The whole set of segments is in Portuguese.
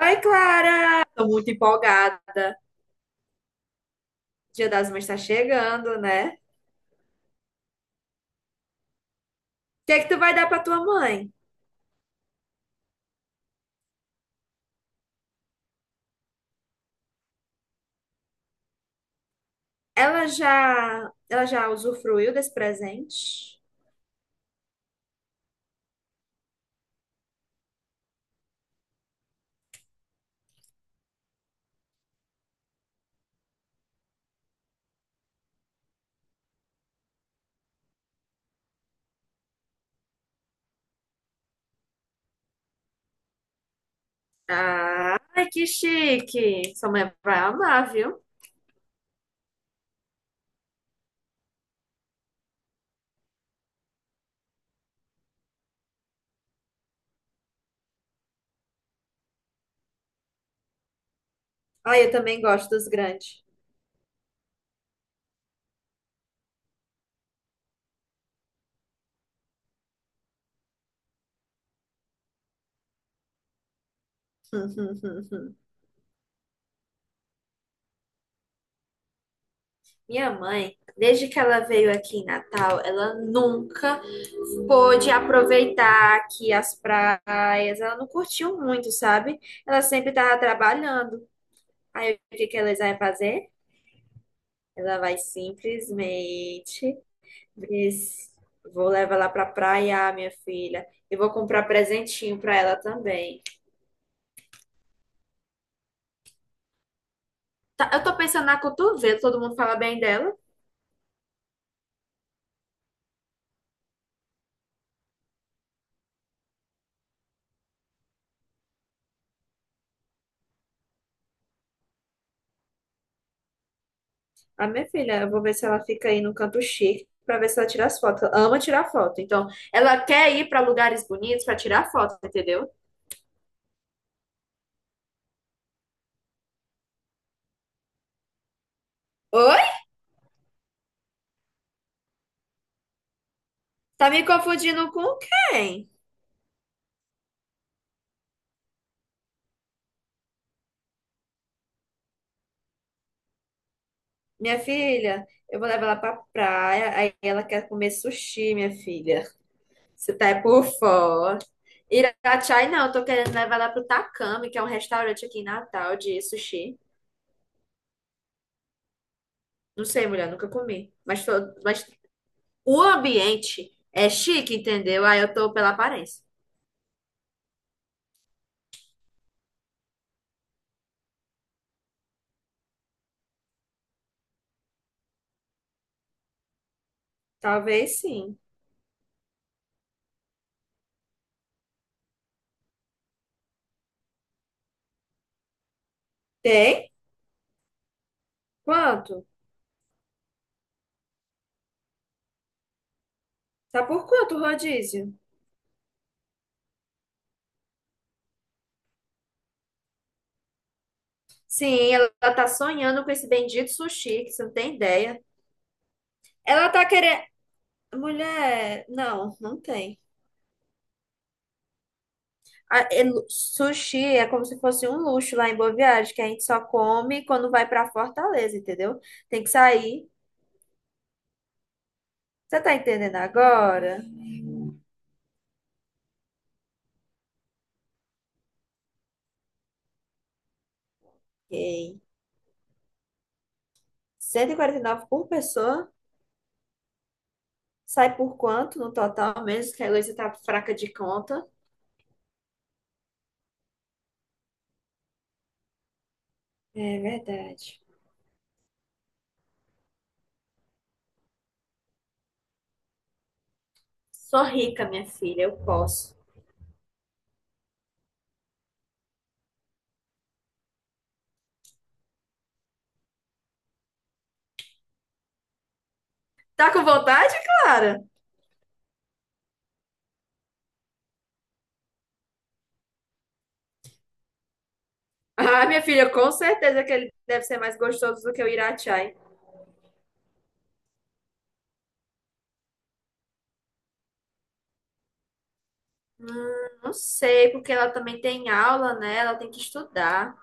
Oi, Clara! Tô muito empolgada. Dia das Mães tá chegando, né? O que é que tu vai dar pra tua mãe? Ela já usufruiu desse presente? Ah, ai, que chique! Sua mãe vai amar, viu? Ai, eu também gosto dos grandes. Minha mãe, desde que ela veio aqui em Natal, ela nunca pôde aproveitar aqui as praias. Ela não curtiu muito, sabe? Ela sempre estava trabalhando. Aí o que que ela vai fazer? Ela vai simplesmente diz, vou levar ela pra praia, minha filha. E vou comprar presentinho pra ela também. Tá, eu tô pensando na cotovelo, todo mundo fala bem dela. A minha filha, eu vou ver se ela fica aí no canto chique pra ver se ela tira as fotos. Ela ama tirar foto. Então, ela quer ir pra lugares bonitos pra tirar foto, entendeu? Oi? Tá me confundindo com quem? Minha filha, eu vou levar ela pra praia, aí ela quer comer sushi, minha filha. Você tá é por fora. Irachai, não, eu tô querendo levar lá pro Takami, que é um restaurante aqui em Natal de sushi. Não sei, mulher, nunca comi. Mas o ambiente é chique, entendeu? Aí eu tô pela aparência. Talvez sim. Tem? Quanto? Tá por quanto o rodízio? Sim, ela tá sonhando com esse bendito sushi, que você não tem ideia. Ela tá querendo. Mulher, não, não tem. Sushi é como se fosse um luxo lá em Boa Viagem, que a gente só come quando vai pra Fortaleza, entendeu? Tem que sair. Você tá entendendo agora? Ok. Cento e quarenta e nove por pessoa. Sai por quanto no total mesmo? Que a Heloísa tá fraca de conta. É verdade. Sou rica, minha filha, eu posso. Tá com vontade, Clara? Ah, minha filha, com certeza que ele deve ser mais gostoso do que o Irachai. Não sei, porque ela também tem aula, né? Ela tem que estudar.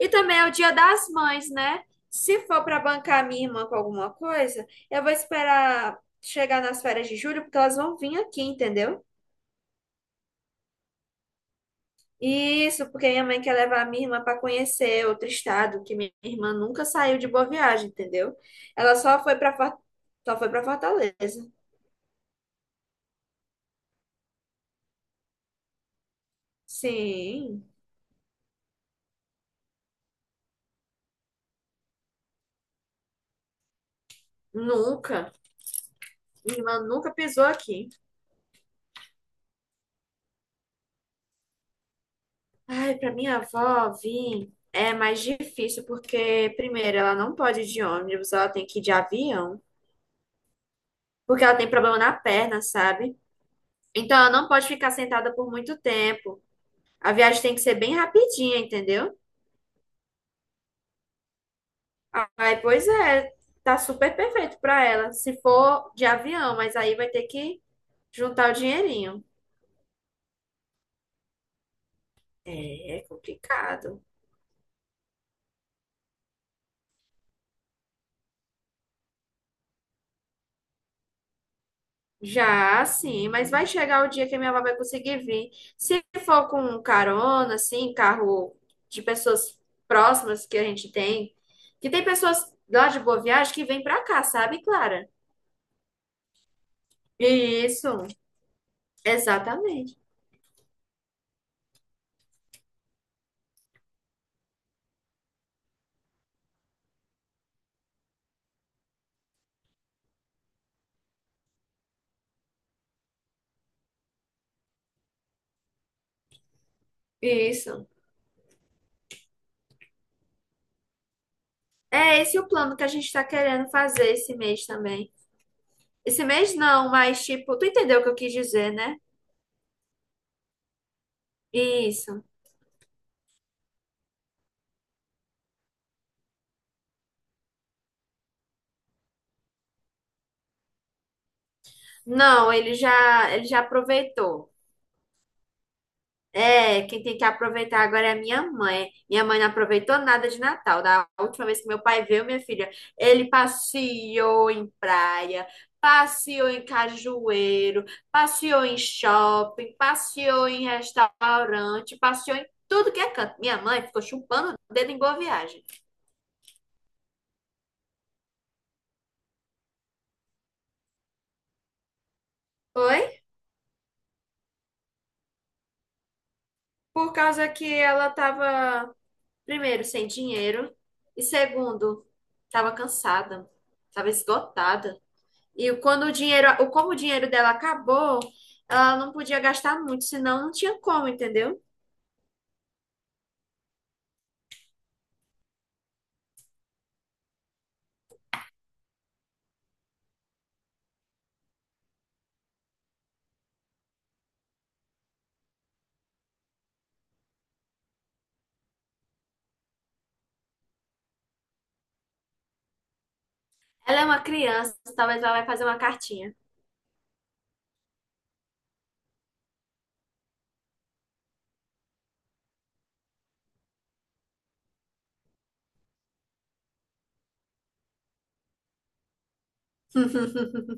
E também é o Dia das Mães, né? Se for para bancar minha irmã com alguma coisa, eu vou esperar chegar nas férias de julho, porque elas vão vir aqui, entendeu? Isso, porque minha mãe quer levar a minha irmã para conhecer outro estado, que minha irmã nunca saiu de Boa Viagem, entendeu? Ela só foi para Fortaleza. Sim, nunca. Minha irmã nunca pisou aqui. Ai, para minha avó vir é mais difícil, porque primeiro ela não pode ir de ônibus, ela tem que ir de avião. Porque ela tem problema na perna, sabe? Então ela não pode ficar sentada por muito tempo. A viagem tem que ser bem rapidinha, entendeu? Aí, pois é, tá super perfeito pra ela, se for de avião, mas aí vai ter que juntar o dinheirinho. É, é complicado. Já, sim, mas vai chegar o dia que a minha avó vai conseguir vir. Se for com carona, assim, carro de pessoas próximas que a gente tem, que tem pessoas lá de Boa Viagem que vêm pra cá, sabe, Clara? Isso. Exatamente. Isso. É esse o plano que a gente está querendo fazer esse mês também. Esse mês não, mas tipo, tu entendeu o que eu quis dizer, né? Isso. Não, ele já aproveitou. É, quem tem que aproveitar agora é a minha mãe. Minha mãe não aproveitou nada de Natal. Da última vez que meu pai veio, minha filha, ele passeou em praia, passeou em cajueiro, passeou em shopping, passeou em restaurante, passeou em tudo que é canto. Minha mãe ficou chupando o dedo em boa viagem. Oi? Por causa que ela tava, primeiro, sem dinheiro e, segundo, tava cansada, tava esgotada. E quando como o dinheiro dela acabou, ela não podia gastar muito, senão não tinha como, entendeu? Ela é uma criança, talvez ela vai fazer uma cartinha.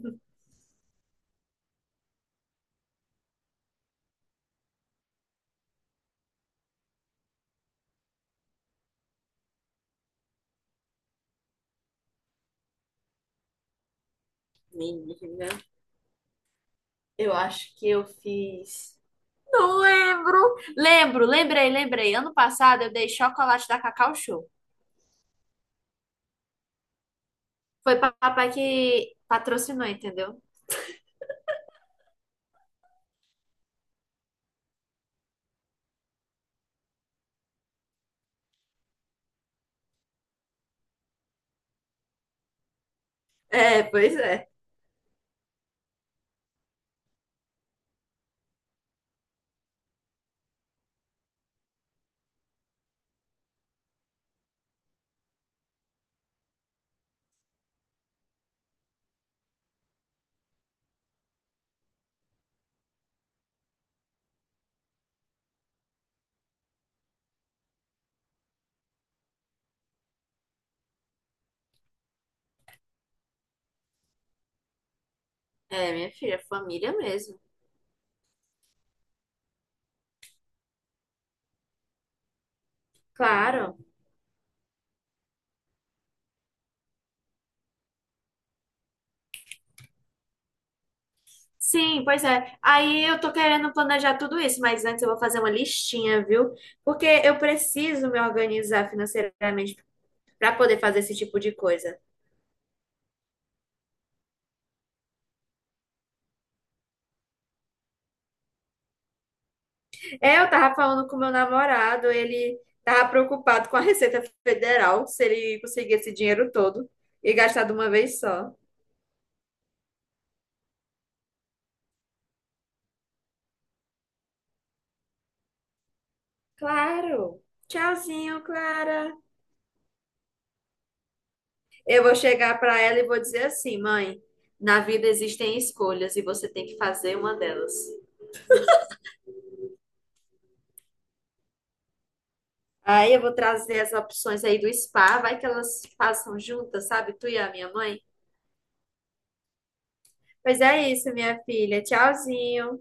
Menina, eu acho que eu fiz. Não lembro. Lembro, lembrei, lembrei. Ano passado eu dei chocolate da Cacau Show. Foi papai que patrocinou, entendeu? É, pois é. É, minha filha, família mesmo. Claro. Sim, pois é. Aí eu tô querendo planejar tudo isso, mas antes eu vou fazer uma listinha, viu? Porque eu preciso me organizar financeiramente para poder fazer esse tipo de coisa. É, eu tava falando com meu namorado, ele tava preocupado com a Receita Federal, se ele conseguir esse dinheiro todo e gastar de uma vez só. Claro. Tchauzinho, Clara. Eu vou chegar para ela e vou dizer assim, mãe, na vida existem escolhas e você tem que fazer uma delas. Aí eu vou trazer as opções aí do spa, vai que elas façam juntas, sabe? Tu e a minha mãe. Pois é isso, minha filha. Tchauzinho.